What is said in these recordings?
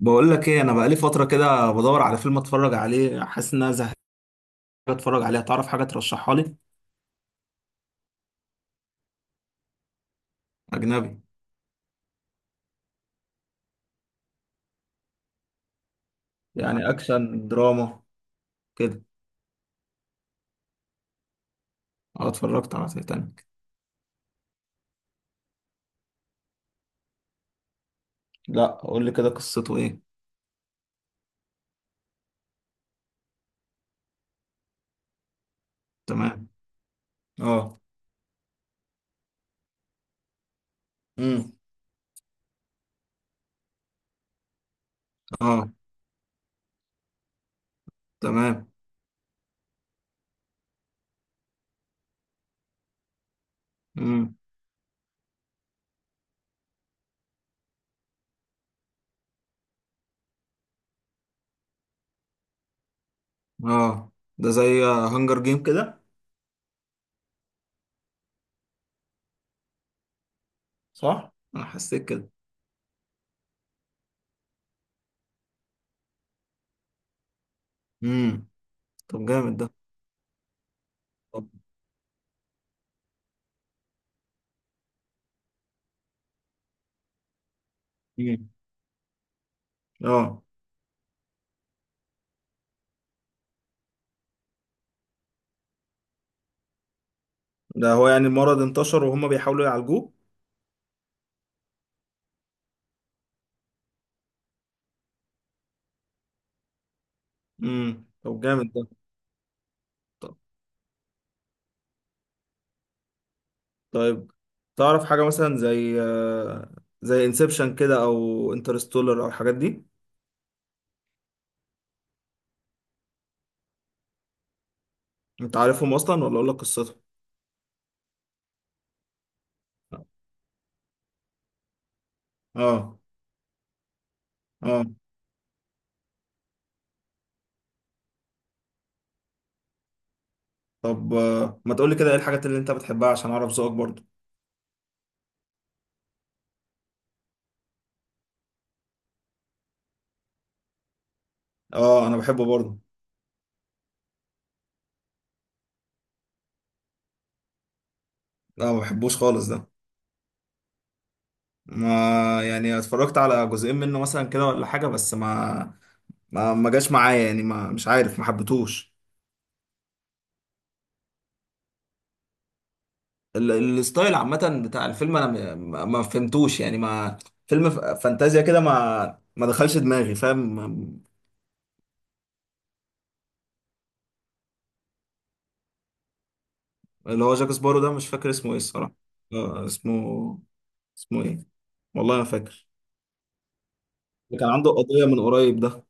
بقول لك ايه، انا بقالي فتره كده بدور على فيلم اتفرج عليه، حاسس ان انا زهقان. اتفرج عليه، تعرف حاجه ترشحها لي؟ اجنبي. يعني اكشن دراما كده. اه، اتفرجت على تايتانيك. لا، قول لي كده قصته ايه. تمام. اه. امم. اه. تمام. امم. اه. ده زي هانجر جيم كده. صح، انا حسيت كده. امم. طب جامد ده. طب. امم. اه. ده هو يعني المرض انتشر وهما بيحاولوا يعالجوه. امم. طب جامد ده. طيب. تعرف حاجة مثلا زي زي انسبشن كده او انترستولر او الحاجات دي. انت عارفهم اصلا ولا اقول لك قصتهم؟ اه. اه. طب، ما تقولي كده ايه الحاجات اللي انت بتحبها عشان اعرف ذوقك برضو. اه، انا بحبه برضو. لا، ما بحبوش خالص ده. ما يعني اتفرجت على جزئين منه مثلا كده ولا حاجة، بس ما جاش معايا، يعني ما، مش عارف، ما حبيتهوش. ال- الستايل عامة بتاع الفيلم، انا ما فهمتوش، يعني ما. فيلم فانتازيا كده، ما دخلش دماغي، فاهم. اللي هو جاك سبارو ده، مش فاكر اسمه ايه الصراحة. اسمه، اسمه ايه؟ والله ما فاكر. اللي كان عنده قضية من قريب ده.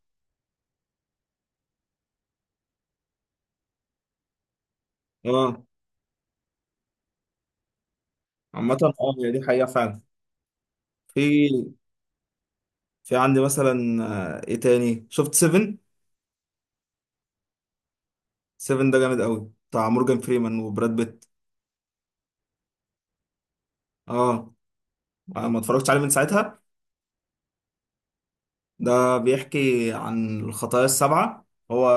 اه. عامة اه، هي دي حقيقة فعلا. في في عندي مثلا، ايه تاني، شفت 7. 7 ده جامد قوي، بتاع مورجان فريمان وبراد بيت. اه. ما اتفرجتش عليه من ساعتها. ده بيحكي عن الخطايا السبعة. هو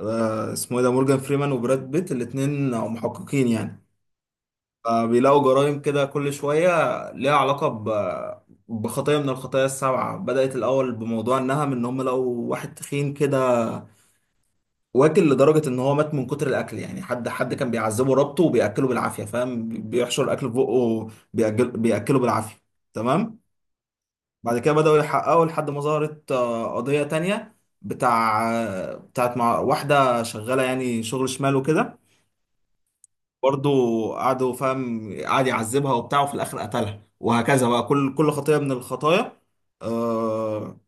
اسمه ايه، ده مورجان فريمان وبراد بيت الاتنين محققين يعني. فبيلاقوا جرائم كده كل شوية، ليها علاقة بخطية من الخطايا السبعة. بدأت الأول بموضوع النهم، إن هم لقوا واحد تخين كده واكل لدرجة إن هو مات من كتر الأكل، يعني حد كان بيعذبه، ربطه وبيأكله بالعافية، فاهم، بيحشر أكل في بقه. بيأكله بالعافية. تمام. بعد كده بدأوا يحققوا لحد ما ظهرت قضية تانية، بتاع بتاعت مع واحدة شغالة، يعني شغل شمال وكده. برضو قعدوا، فاهم، قعد يعذبها وبتاع، وفي الآخر قتلها، وهكذا بقى كل خطية من الخطايا. آه،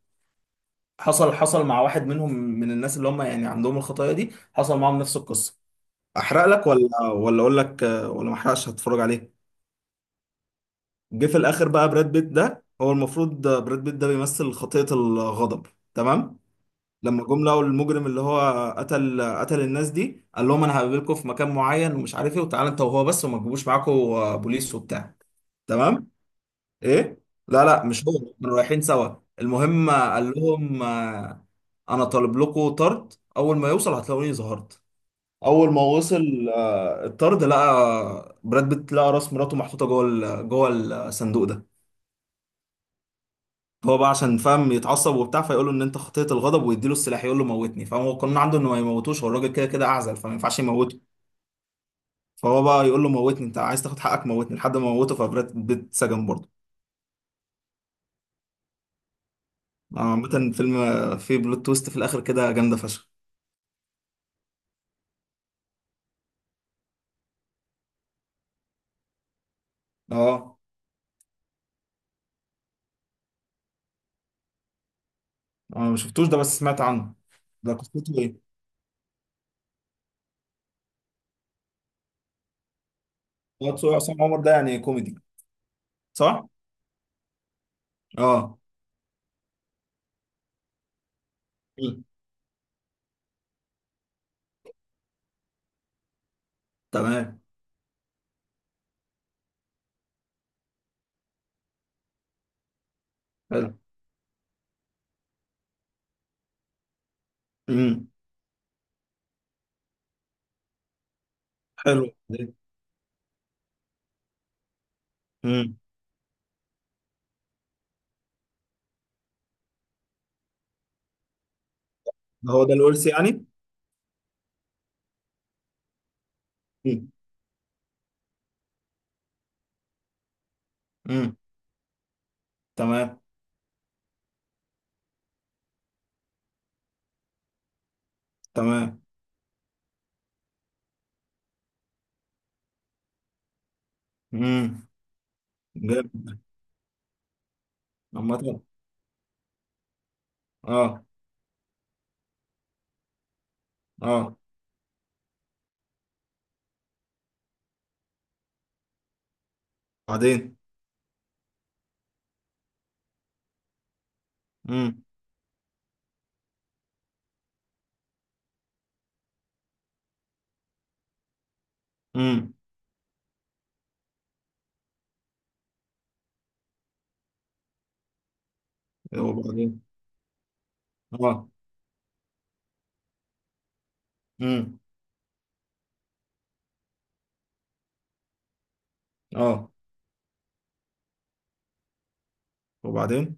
حصل مع واحد منهم، من الناس اللي هم يعني عندهم الخطايا دي، حصل معاهم نفس القصة. أحرق لك ولا أقول لك، ولا ما أحرقش هتفرج عليه؟ جه في الآخر بقى براد بيت، ده هو المفروض براد بيت ده بيمثل خطية الغضب. تمام. لما جم لقوا المجرم اللي هو قتل الناس دي، قال لهم انا هقابلكم في مكان معين ومش عارف ايه، وتعالى انت وهو بس، وما تجيبوش معاكم بوليس وبتاع. تمام. ايه. لا لا، مش هو. كانوا رايحين سوا. المهم قال لهم، انا طالب لكم طرد، اول ما يوصل هتلاقوني ظهرت. اول ما وصل الطرد، لقى براد بيت، لقى راس مراته محطوطه جوه جوه الصندوق ده. هو بقى عشان فاهم يتعصب وبتاع، فيقول له ان انت خطيت الغضب، ويديله السلاح، يقول له موتني. فاهم هو القانون عنده انه ما يموتوش، هو الراجل كده كده اعزل، فما ينفعش يموته. فهو بقى يقول له موتني، انت عايز تاخد حقك موتني، لحد ما موته، فبراد بيت سجن برضه. عامة الفيلم فيه بلوت تويست في الاخر كده جامدة فشخ. اه، انا ما شفتوش ده، بس سمعت عنه. ده قصته ايه؟ هو تسوق عصام عمر ده يعني كوميدي؟ صح؟ اه. مم. تمام. حلو. امم. حلو. امم. هو ده الورث يعني؟ امم. امم. تمام. تمام. امم. جامد. عامة اه. اه. بعدين. امم. امم. وبعدين. اه. امم. اه. وبعدين.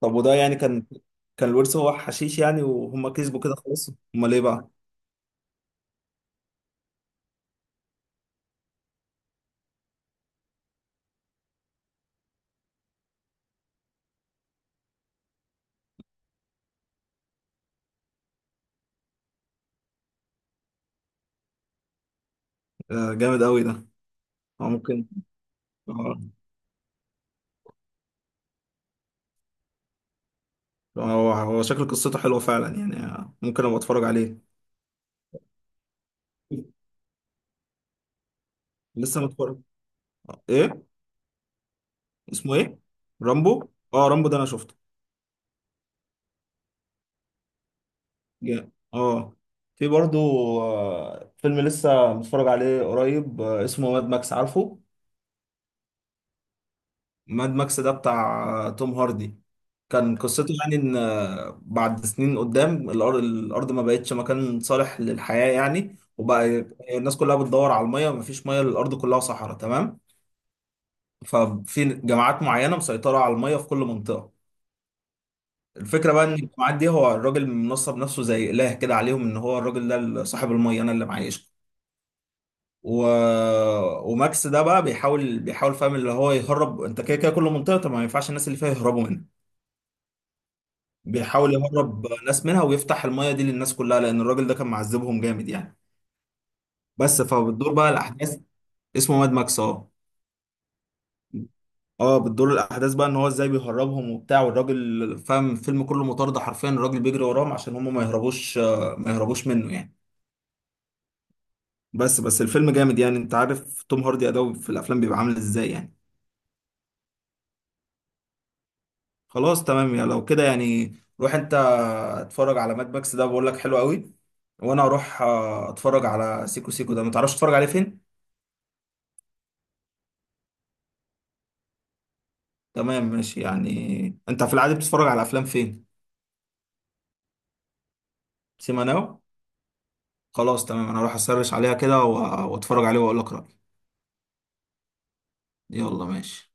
طب وده يعني كان، كان الورث هو حشيش يعني، وهم كسبوا كده خلاص، امال ايه بقى؟ آه جامد قوي ده. هو ممكن. اه. هو شكل قصته حلوه فعلا يعني، ممكن ابقى اتفرج عليه. لسه متفرج. ايه، اسمه ايه؟ رامبو. اه، رامبو ده انا شفته. جامد. اه. في برضو فيلم لسه متفرج عليه قريب، اسمه ماد ماكس، عارفه. ماد ماكس ده بتاع توم هاردي. كان قصته يعني ان بعد سنين قدام، الارض ما بقتش مكان صالح للحياة يعني، وبقى الناس كلها بتدور على المية، مفيش مية، الارض كلها صحراء. تمام. ففي جماعات معينة مسيطرة على المية في كل منطقة. الفكرة بقى ان الجماعات دي، هو الراجل منصب نفسه زي اله كده عليهم، ان هو الراجل ده صاحب المية، انا اللي معايش. و... وماكس ده بقى بيحاول فاهم، اللي هو يهرب، انت كده كده كل منطقه، طب ما ينفعش الناس اللي فيها يهربوا منها. بيحاول يهرب ناس منها ويفتح المايه دي للناس كلها، لان الراجل ده كان معذبهم جامد يعني. بس، فبتدور بقى الاحداث. اسمه ماد ماكس. اه. اه، بتدور الاحداث بقى ان هو ازاي بيهربهم وبتاع، والراجل فاهم الفيلم كله مطارده حرفيا، الراجل بيجري وراهم عشان هم ما يهربوش، ما يهربوش منه يعني. بس الفيلم جامد يعني، انت عارف توم هاردي اداؤه في الافلام بيبقى عامل ازاي يعني. خلاص تمام يعني، لو كده يعني. روح انت، اتفرج على ماد ماكس ده، بقول لك حلو قوي. وانا اروح اتفرج على سيكو سيكو ده، ما تعرفش تتفرج عليه فين؟ تمام ماشي، يعني انت في العادي بتتفرج على افلام فين؟ سيما ناو. خلاص تمام، انا اروح اسرش عليها كده واتفرج عليه واقول لك رأيي. يلا ماشي.